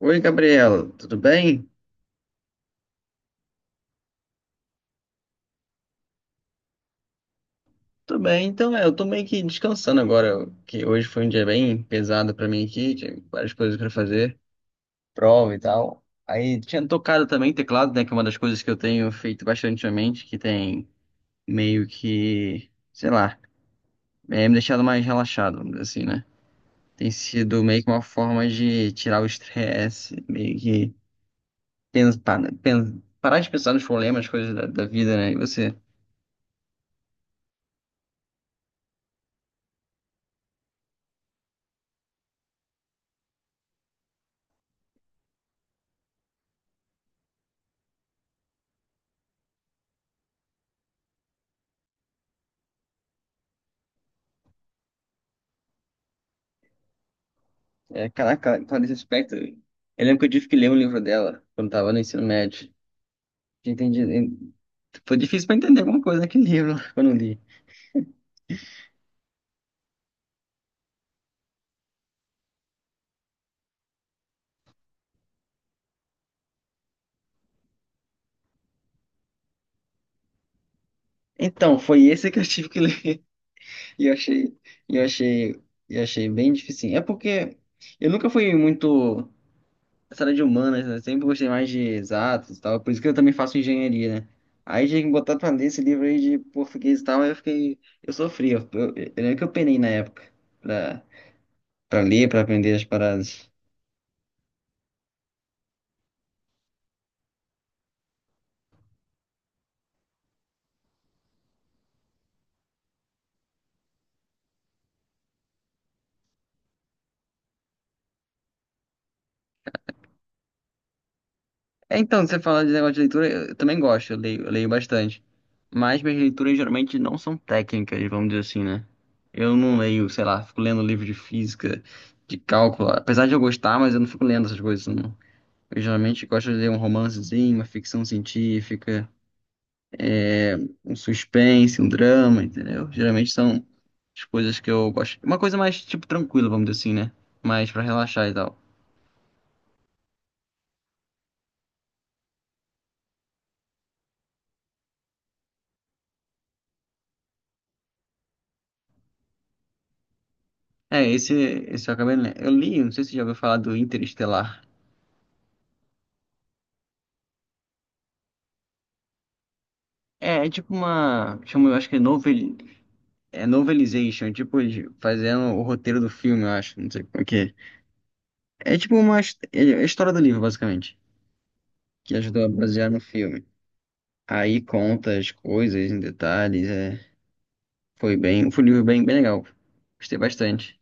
Oi, Gabriela, tudo bem? Tudo bem, então, eu tô meio que descansando agora, que hoje foi um dia bem pesado pra mim aqui, tinha várias coisas pra fazer, prova e tal. Aí tinha tocado também teclado, né, que é uma das coisas que eu tenho feito bastante ultimamente, que tem meio que, sei lá, me deixado mais relaxado, vamos dizer assim, né? Tem sido meio que uma forma de tirar o estresse, meio que pensar, né? Parar de pensar nos problemas, coisas da vida, né? E você? É, caraca, Clarice Lispector. Eu lembro que eu tive que ler um livro dela quando tava no ensino médio. Entendi. Foi difícil pra entender alguma coisa naquele livro quando eu li. Então, foi esse que eu tive que ler. E eu achei, e eu achei, e eu achei bem difícil. É porque eu nunca fui muito essa área de humanas, né? Sempre gostei mais de exatos e tal. Por isso que eu também faço engenharia, né? Aí tinha que botar pra ler esse livro aí de português e tal, aí eu fiquei. Eu sofri. Eu lembro que eu penei na época pra, pra ler, pra aprender as paradas. É, então, você fala de negócio de leitura, eu também gosto, eu leio bastante. Mas minhas leituras geralmente não são técnicas, vamos dizer assim, né? Eu não leio, sei lá, fico lendo livro de física, de cálculo. Apesar de eu gostar, mas eu não fico lendo essas coisas, não. Eu geralmente gosto de ler um romancezinho, uma ficção científica, é, um suspense, um drama, entendeu? Geralmente são as coisas que eu gosto. Uma coisa mais, tipo, tranquila, vamos dizer assim, né? Mais pra relaxar e tal. É, esse eu acabei lendo. Eu li, não sei se você já ouviu falar do Interestelar. É, é tipo uma. Chama, eu acho que é novel, é novelization, tipo fazendo o roteiro do filme, eu acho. Não sei como é que é. É tipo uma. É a história do livro, basicamente. Que ajudou a basear no filme. Aí conta as coisas em detalhes. É, foi bem. Foi um livro bem, bem legal. Gostei bastante.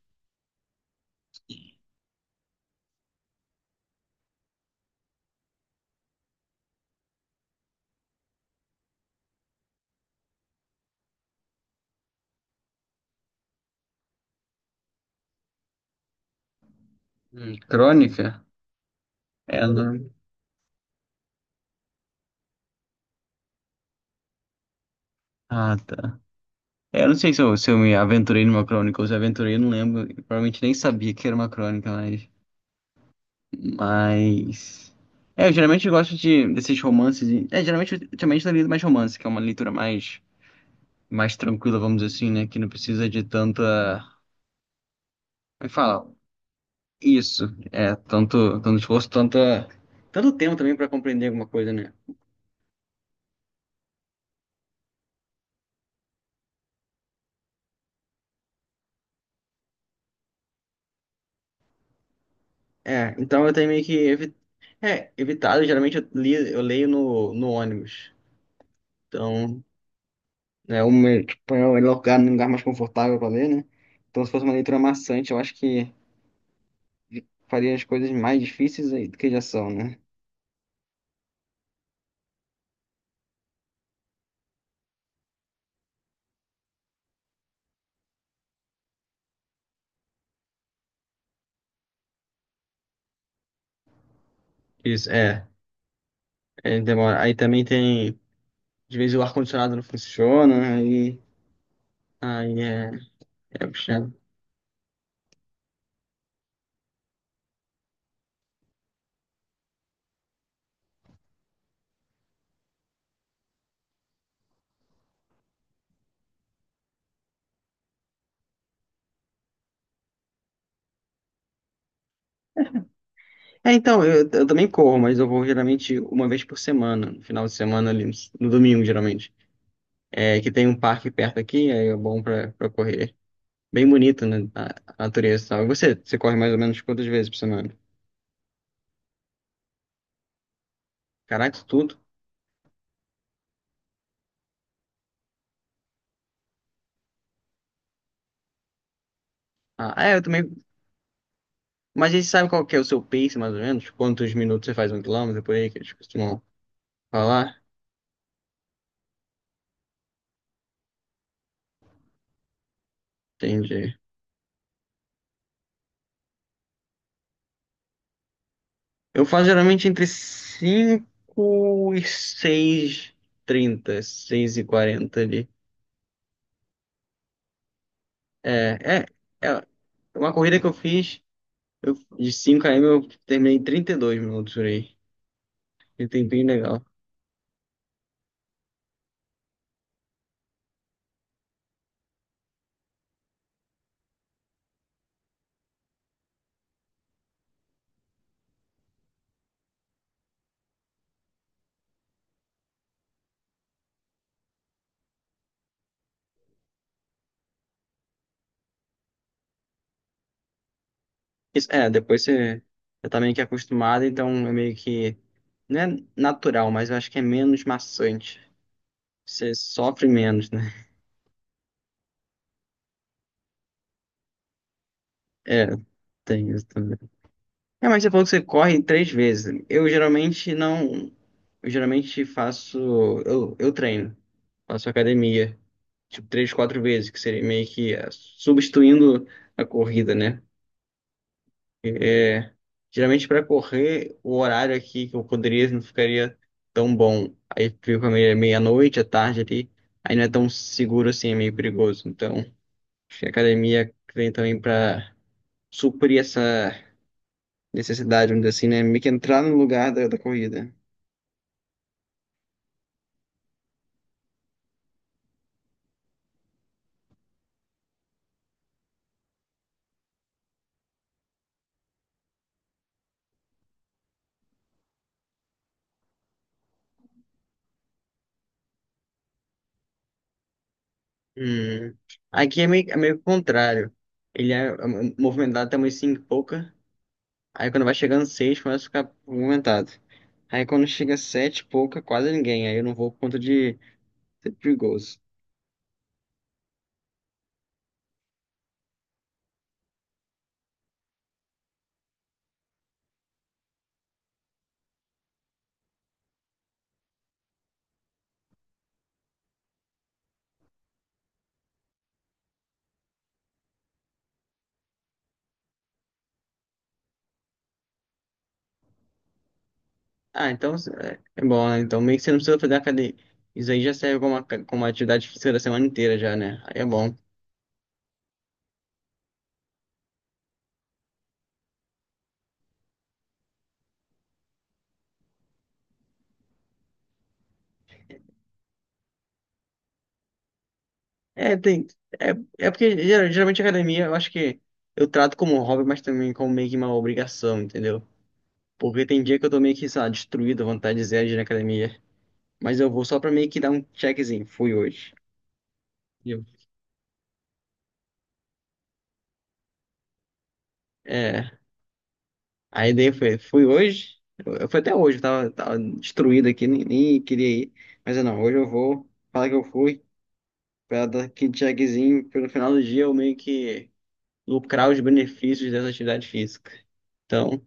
Crônica? Ela. Ah, tá. É, eu não sei se eu me aventurei numa crônica ou se aventurei, eu não lembro. Eu provavelmente nem sabia que era uma crônica, mas. Mas. É, eu geralmente gosto desses romances. Geralmente, ultimamente eu lido mais romance, que é uma leitura mais, tranquila, vamos dizer assim, né? Que não precisa de tanta. Como é que fala? Isso. É, tanto esforço, tanto tempo também pra compreender alguma coisa, né? Então eu tenho meio que evitado. Geralmente eu leio no ônibus. Então, é o meu, tipo, é o melhor lugar, um lugar mais confortável pra ler, né? Então, se fosse uma leitura maçante, eu acho que. Faria as coisas mais difíceis aí do que já são, né? Isso, é. É, demora. Aí também tem. De vez o ar-condicionado não funciona, aí. Aí é. É puxado. É, então, eu também corro, mas eu vou geralmente uma vez por semana, no final de semana ali, no domingo, geralmente. É, que tem um parque perto aqui, aí é bom pra correr. É bem bonito, né? A natureza e tal. E você? Você corre mais ou menos quantas vezes por semana? Caraca, isso tudo. Ah, é, eu também. Mas a gente sabe qual que é o seu pace, mais ou menos? Quantos minutos você faz um quilômetro por aí? Que eles costumam falar? Entendi. Eu faço geralmente entre 5 e seis h 30 6h40 ali. É, é, é uma corrida que eu fiz de 5 km, eu terminei em 32 minutos por aí. E tempinho legal. Isso, é, depois você tá meio que acostumado, então é meio que. Não é natural, mas eu acho que é menos maçante. Você sofre menos, né? É, tem isso. É, mas você falou que você corre três vezes. Eu geralmente não. Eu geralmente faço. Eu treino. Faço academia. Tipo, três, quatro vezes, que seria meio que substituindo a corrida, né? É, geralmente para correr, o horário aqui que eu poderia não ficaria tão bom. Aí fica meia-noite, à tarde ali. Aí não é tão seguro assim, é meio perigoso. Então, acho que a academia vem também para suprir essa necessidade, vamos dizer assim, né? Meio que entrar no lugar da corrida. Hum. Aqui é meio que o contrário. Ele é movimentado até umas cinco e pouca. Aí quando vai chegando seis começa a ficar movimentado. Aí quando chega sete e pouca, quase ninguém. Aí eu não vou por conta de ser perigoso. Ah, então é bom, né? Então meio que você não precisa fazer academia. Isso aí já serve como uma atividade física da semana inteira já, né? Aí é bom. É, tem. É, é porque geralmente academia eu acho que eu trato como um hobby, mas também como meio que uma obrigação, entendeu? Porque tem dia que eu tô meio que, sei lá, destruído, a vontade zero de ir na academia. Mas eu vou só pra meio que dar um checkzinho. Fui hoje. E eu- É. Aí daí fui hoje. Eu fui até hoje, eu tava destruído aqui, nem queria ir. Mas eu não, Hoje eu vou falar que eu fui, pra dar aquele checkzinho, pelo final do dia eu meio que lucrar os benefícios dessa atividade física. Então,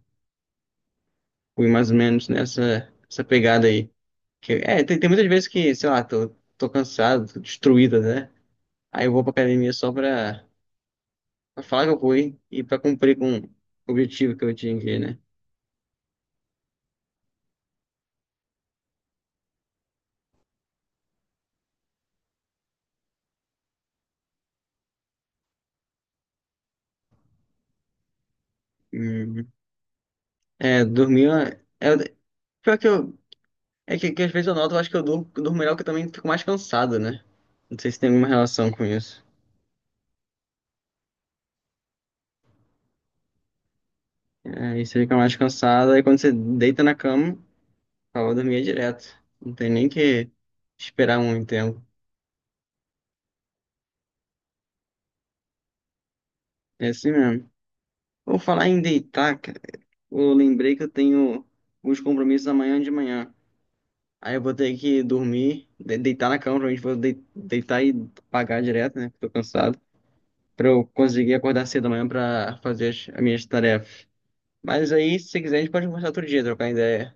fui mais ou menos nessa essa pegada aí. Que, tem muitas vezes que, sei lá, tô cansado, tô destruído, né? Aí eu vou pra academia só pra falar que eu fui e pra cumprir com o objetivo que eu tinha que, né? Hum. É, dormir, é, é- pior que eu, é que às vezes eu noto, eu acho que eu durmo melhor que eu também fico mais cansado, né? Não sei se tem alguma relação com isso. Aí você fica mais cansado, aí quando você deita na cama, acaba dormir direto. Não tem nem que esperar muito tempo. É assim mesmo. Vou falar em deitar, cara. Eu lembrei que eu tenho uns compromissos amanhã de manhã. Aí eu vou ter que dormir, deitar na cama, provavelmente vou deitar e pagar direto, né? Porque tô cansado. Pra eu conseguir acordar cedo amanhã pra fazer as minhas tarefas. Mas aí, se quiser, a gente pode conversar outro dia, trocar ideia.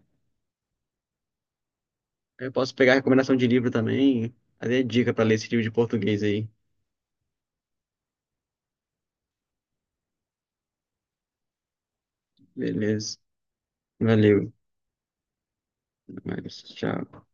Eu posso pegar recomendação de livro também, fazer dica pra ler esse livro de português aí. Beleza. Valeu. Até mais. Tchau.